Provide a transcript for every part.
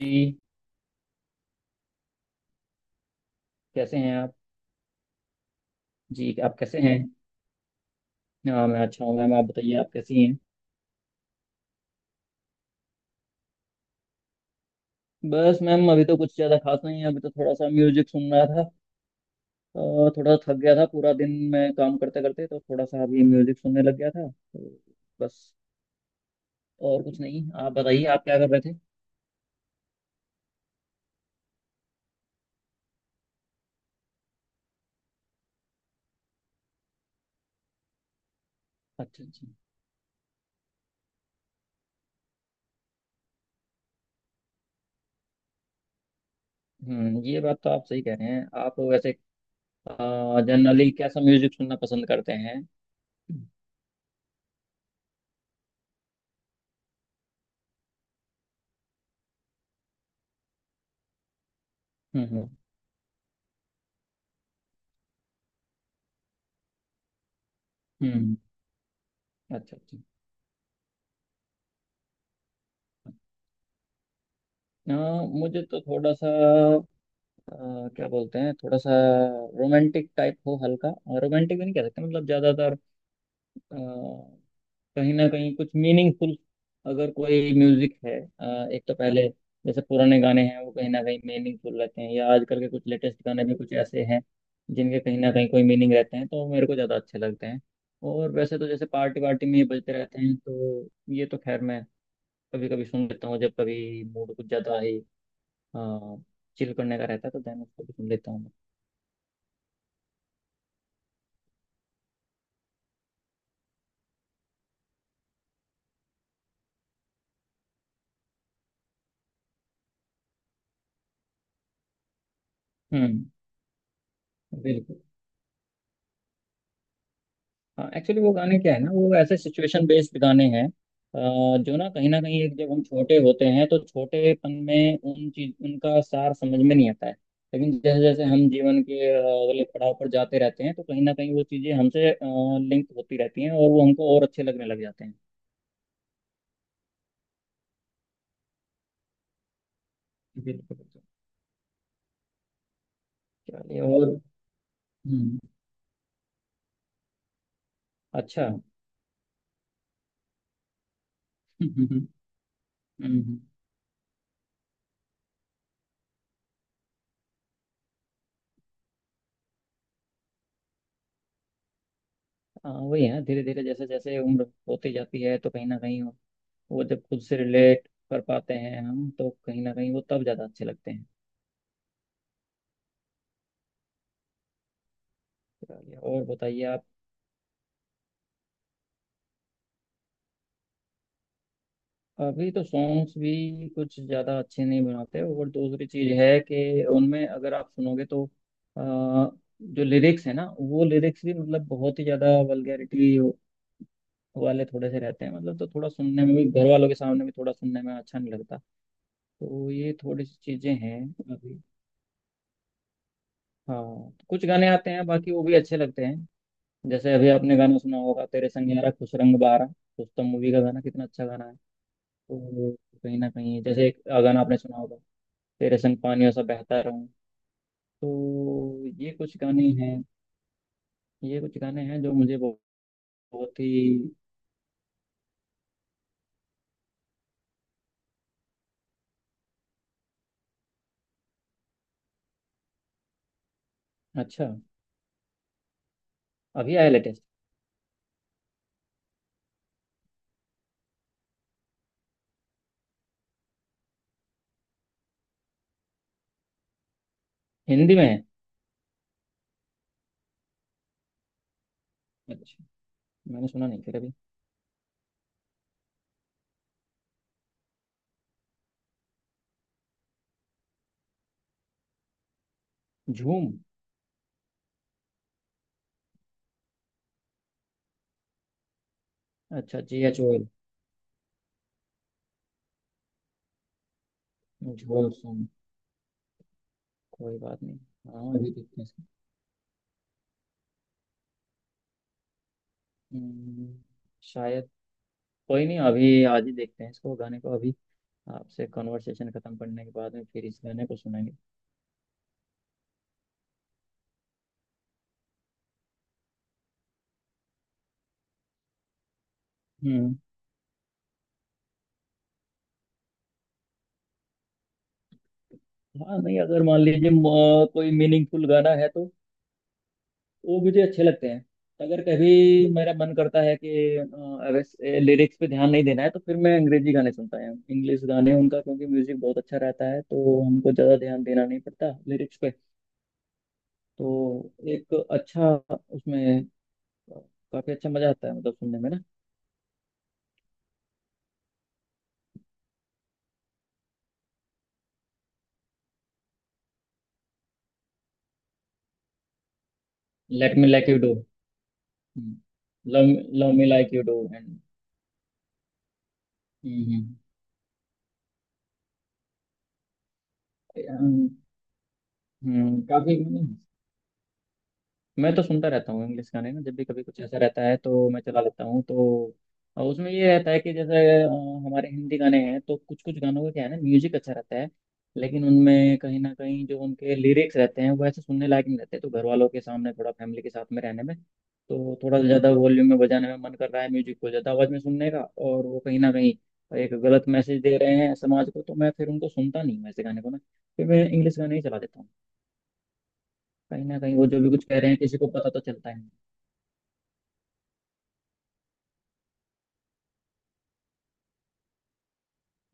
जी। कैसे हैं आप? जी आप कैसे हैं? हाँ मैं अच्छा हूँ मैम, आप बताइए, आप कैसी हैं? बस मैम, अभी तो कुछ ज़्यादा खास नहीं है, अभी तो थोड़ा सा म्यूजिक सुन रहा था। थोड़ा थक गया था, पूरा दिन मैं काम करते करते, तो थोड़ा सा अभी म्यूजिक सुनने लग गया था तो बस। और कुछ नहीं, आप बताइए, आप क्या कर रहे थे? अच्छा अच्छा। हम्म, ये बात तो आप सही कह रहे हैं। आप वैसे जनरली कैसा म्यूजिक सुनना पसंद करते हैं? हम्म। हम्म। हम्म, अच्छा अच्छा। अ, मुझे तो थोड़ा सा अ, क्या बोलते हैं, थोड़ा सा रोमांटिक टाइप हो, हल्का। रोमांटिक भी नहीं कह सकते, मतलब ज्यादातर अ, कहीं ना कहीं कुछ मीनिंगफुल अगर कोई म्यूजिक है। एक तो पहले जैसे पुराने गाने हैं, वो कहीं ना कहीं मीनिंगफुल रहते हैं, या आजकल के कुछ लेटेस्ट गाने भी कुछ ऐसे हैं जिनके कहीं ना कहीं कोई मीनिंग रहते हैं, तो मेरे को ज्यादा अच्छे लगते हैं। और वैसे तो जैसे पार्टी वार्टी में ये बजते रहते हैं, तो ये तो खैर मैं कभी कभी सुन लेता हूँ, जब कभी मूड कुछ ज्यादा ही चिल करने का रहता है तो देन उसको भी सुन लेता हूँ मैं। हम्म। बिल्कुल। हाँ एक्चुअली वो गाने क्या है ना, वो ऐसे सिचुएशन बेस्ड गाने हैं। जो ना कहीं एक, जब हम छोटे होते हैं तो छोटेपन में उन चीज उनका सार समझ में नहीं आता है, लेकिन जैसे जैसे हम जीवन के अगले पड़ाव पर जाते रहते हैं, तो कहीं ना कहीं वो चीजें हमसे लिंक होती रहती हैं और वो हमको और अच्छे लगने लग जाते हैं। बिल्कुल बिल्कुल। चलिए। और हम्म, अच्छा। हम्म। हम्म। हाँ वही है, धीरे धीरे जैसे जैसे उम्र होती जाती है तो कहीं ना कहीं वो, जब खुद से रिलेट कर पाते हैं हम, तो कहीं ना कहीं वो तब ज़्यादा अच्छे लगते हैं। चलिए, और बताइए आप। अभी तो सॉन्ग्स भी कुछ ज़्यादा अच्छे नहीं बनाते, और दूसरी चीज़ है कि उनमें अगर आप सुनोगे तो जो लिरिक्स है ना वो लिरिक्स भी, मतलब बहुत ही ज़्यादा वल्गैरिटी वाले थोड़े से रहते हैं, मतलब तो थोड़ा सुनने में भी, घर वालों के सामने भी थोड़ा सुनने में अच्छा नहीं लगता। तो ये थोड़ी सी चीज़ें हैं अभी। हाँ कुछ गाने आते हैं, बाकी वो भी अच्छे लगते हैं। जैसे अभी आपने गाना सुना होगा, तेरे संग यारा खुश रंग बारा, उस तो मूवी का गाना, कितना अच्छा गाना है। तो कहीं ना कहीं, जैसे एक गाना आपने सुना होगा, तेरे संग पानियों सा बहता रहूं, तो ये कुछ गाने हैं। ये कुछ गाने हैं जो मुझे बहुत बहुत ही अच्छा। अभी आया लेटेस्ट? हिंदी में है? अच्छा, मैंने सुना नहीं फिर अभी। झूम? अच्छा जी एच ओ एल, झोल। सुन? कोई बात नहीं। हाँ अभी देखते हैं इसको। हम्म, शायद। कोई नहीं, अभी आज ही देखते हैं इसको, गाने को अभी। आपसे कॉन्वर्सेशन खत्म करने के बाद में फिर इस गाने को सुनेंगे। हम्म। हाँ नहीं, अगर मान लीजिए म- कोई मीनिंगफुल गाना है तो वो मुझे अच्छे लगते हैं। अगर कभी मेरा मन करता है कि, अगर लिरिक्स पे ध्यान नहीं देना है, तो फिर मैं अंग्रेजी गाने सुनता हूँ, इंग्लिश गाने उनका, क्योंकि म्यूजिक बहुत अच्छा रहता है तो हमको ज़्यादा ध्यान देना नहीं पड़ता लिरिक्स पे। तो एक अच्छा उसमें काफ़ी अच्छा मज़ा आता है, मतलब सुनने में ना। Let me like you do. Love. Love me like you do. And हम्म। काफी। मैं तो सुनता रहता हूँ इंग्लिश गाने ना, जब भी कभी कुछ ऐसा रहता है तो मैं चला लेता हूँ। तो उसमें ये रहता है कि जैसे अ, हमारे हिंदी गाने हैं तो कुछ कुछ गानों का, क्या है ना, म्यूजिक अच्छा रहता है, लेकिन उनमें कहीं ना कहीं जो उनके लिरिक्स रहते हैं, वो ऐसे सुनने लायक नहीं रहते। तो घर वालों के सामने, थोड़ा फैमिली के साथ में रहने में, तो थोड़ा ज्यादा वॉल्यूम में बजाने में, मन कर रहा है म्यूजिक को ज्यादा आवाज में सुनने का, और वो कहीं ना कहीं एक गलत मैसेज दे रहे हैं समाज को, तो मैं फिर उनको सुनता नहीं हूँ, ऐसे गाने को ना। फिर मैं इंग्लिश गाने ही चला देता हूँ। कहीं ना कहीं वो जो भी कुछ कह रहे हैं किसी को पता तो चलता ही नहीं।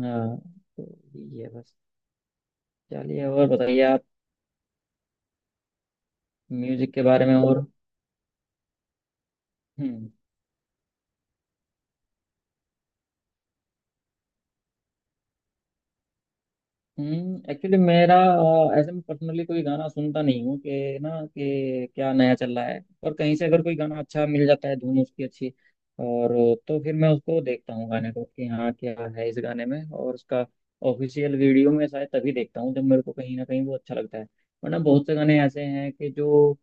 हाँ तो ये है बस। चलिए और बताइए आप म्यूजिक के बारे में और। हम्म। एक्चुअली मेरा ऐसे में पर्सनली कोई गाना सुनता नहीं हूँ कि, ना कि क्या नया चल रहा है, और कहीं से अगर कोई गाना अच्छा मिल जाता है, धुन उसकी अच्छी, और तो फिर मैं उसको देखता हूँ गाने को कि हाँ क्या है इस गाने में, और उसका ऑफिशियल वीडियो में शायद तभी देखता हूँ जब मेरे को कहीं ना कहीं वो अच्छा लगता है। वरना बहुत से गाने ऐसे हैं कि जो,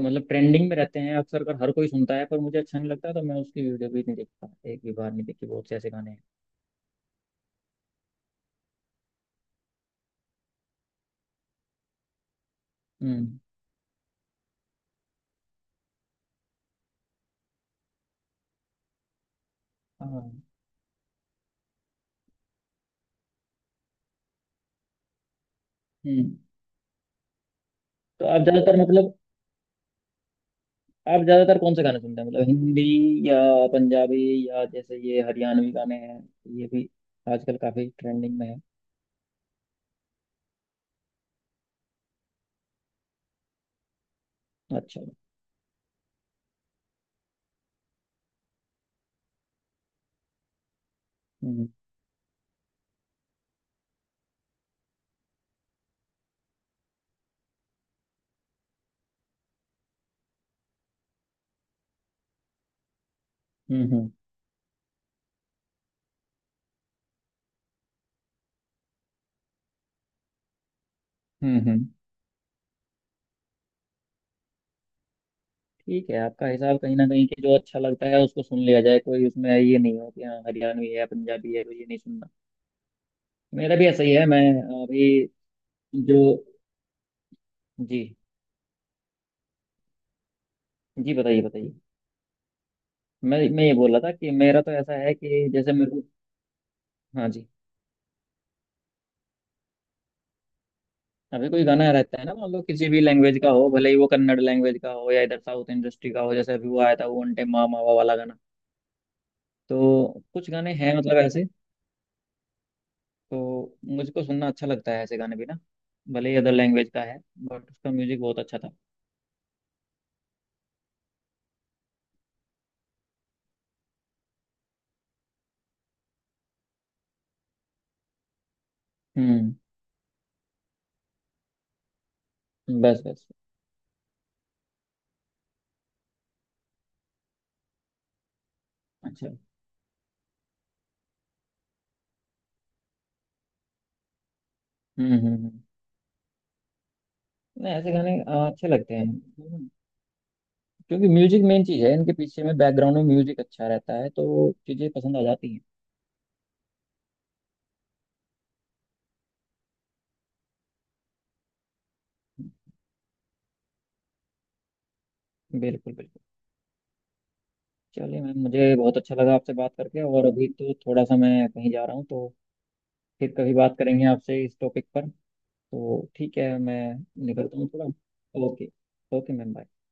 मतलब ट्रेंडिंग में रहते हैं, अक्सर कर हर कोई सुनता है, पर मुझे अच्छा नहीं लगता, तो मैं उसकी वीडियो भी नहीं देखता, एक भी बार नहीं देखी, बहुत से ऐसे गाने हैं। हम्म। हाँ। हम्म। तो आप ज्यादातर, मतलब आप ज्यादातर कौन से गाने सुनते हैं, मतलब हिंदी या पंजाबी, या जैसे ये हरियाणवी गाने हैं, ये भी आजकल काफी ट्रेंडिंग में है। अच्छा। हम्म। हम्म। हम्म। हम्म। हम्म। ठीक है, आपका हिसाब कहीं ना कहीं कि जो अच्छा लगता है उसको सुन लिया जाए, कोई उसमें ये नहीं हो कि हाँ हरियाणवी है, पंजाबी है तो ये नहीं सुनना। मेरा भी ऐसा ही है। मैं अभी जो जी जी बताइए बताइए। मैं ये बोल रहा था कि मेरा तो ऐसा है कि जैसे मेरे को, हाँ जी, अभी कोई गाना रहता है ना, मान लो किसी भी लैंग्वेज का हो, भले ही वो कन्नड़ लैंग्वेज का हो या इधर साउथ इंडस्ट्री का हो, जैसे अभी वो आया था वो अंटे मा मावा वाला गाना, तो कुछ गाने हैं मतलब ऐसे, तो मुझको सुनना अच्छा लगता है ऐसे गाने भी ना, भले ही अदर लैंग्वेज का है बट उसका म्यूजिक बहुत अच्छा था। हम्म। बस बस। अच्छा। हम्म हम्म हम्म। नहीं ऐसे गाने अच्छे लगते हैं, क्योंकि म्यूजिक मेन चीज है, इनके पीछे में बैकग्राउंड में म्यूजिक अच्छा रहता है तो चीजें पसंद आ जाती हैं। बिल्कुल बिल्कुल। चलिए मैम, मुझे बहुत अच्छा लगा आपसे बात करके, और अभी तो थोड़ा सा मैं कहीं जा रहा हूँ, तो फिर कभी बात करेंगे आपसे इस टॉपिक पर। तो ठीक है, मैं निकलता हूँ थोड़ा, ओके। Okay ma'am, bye.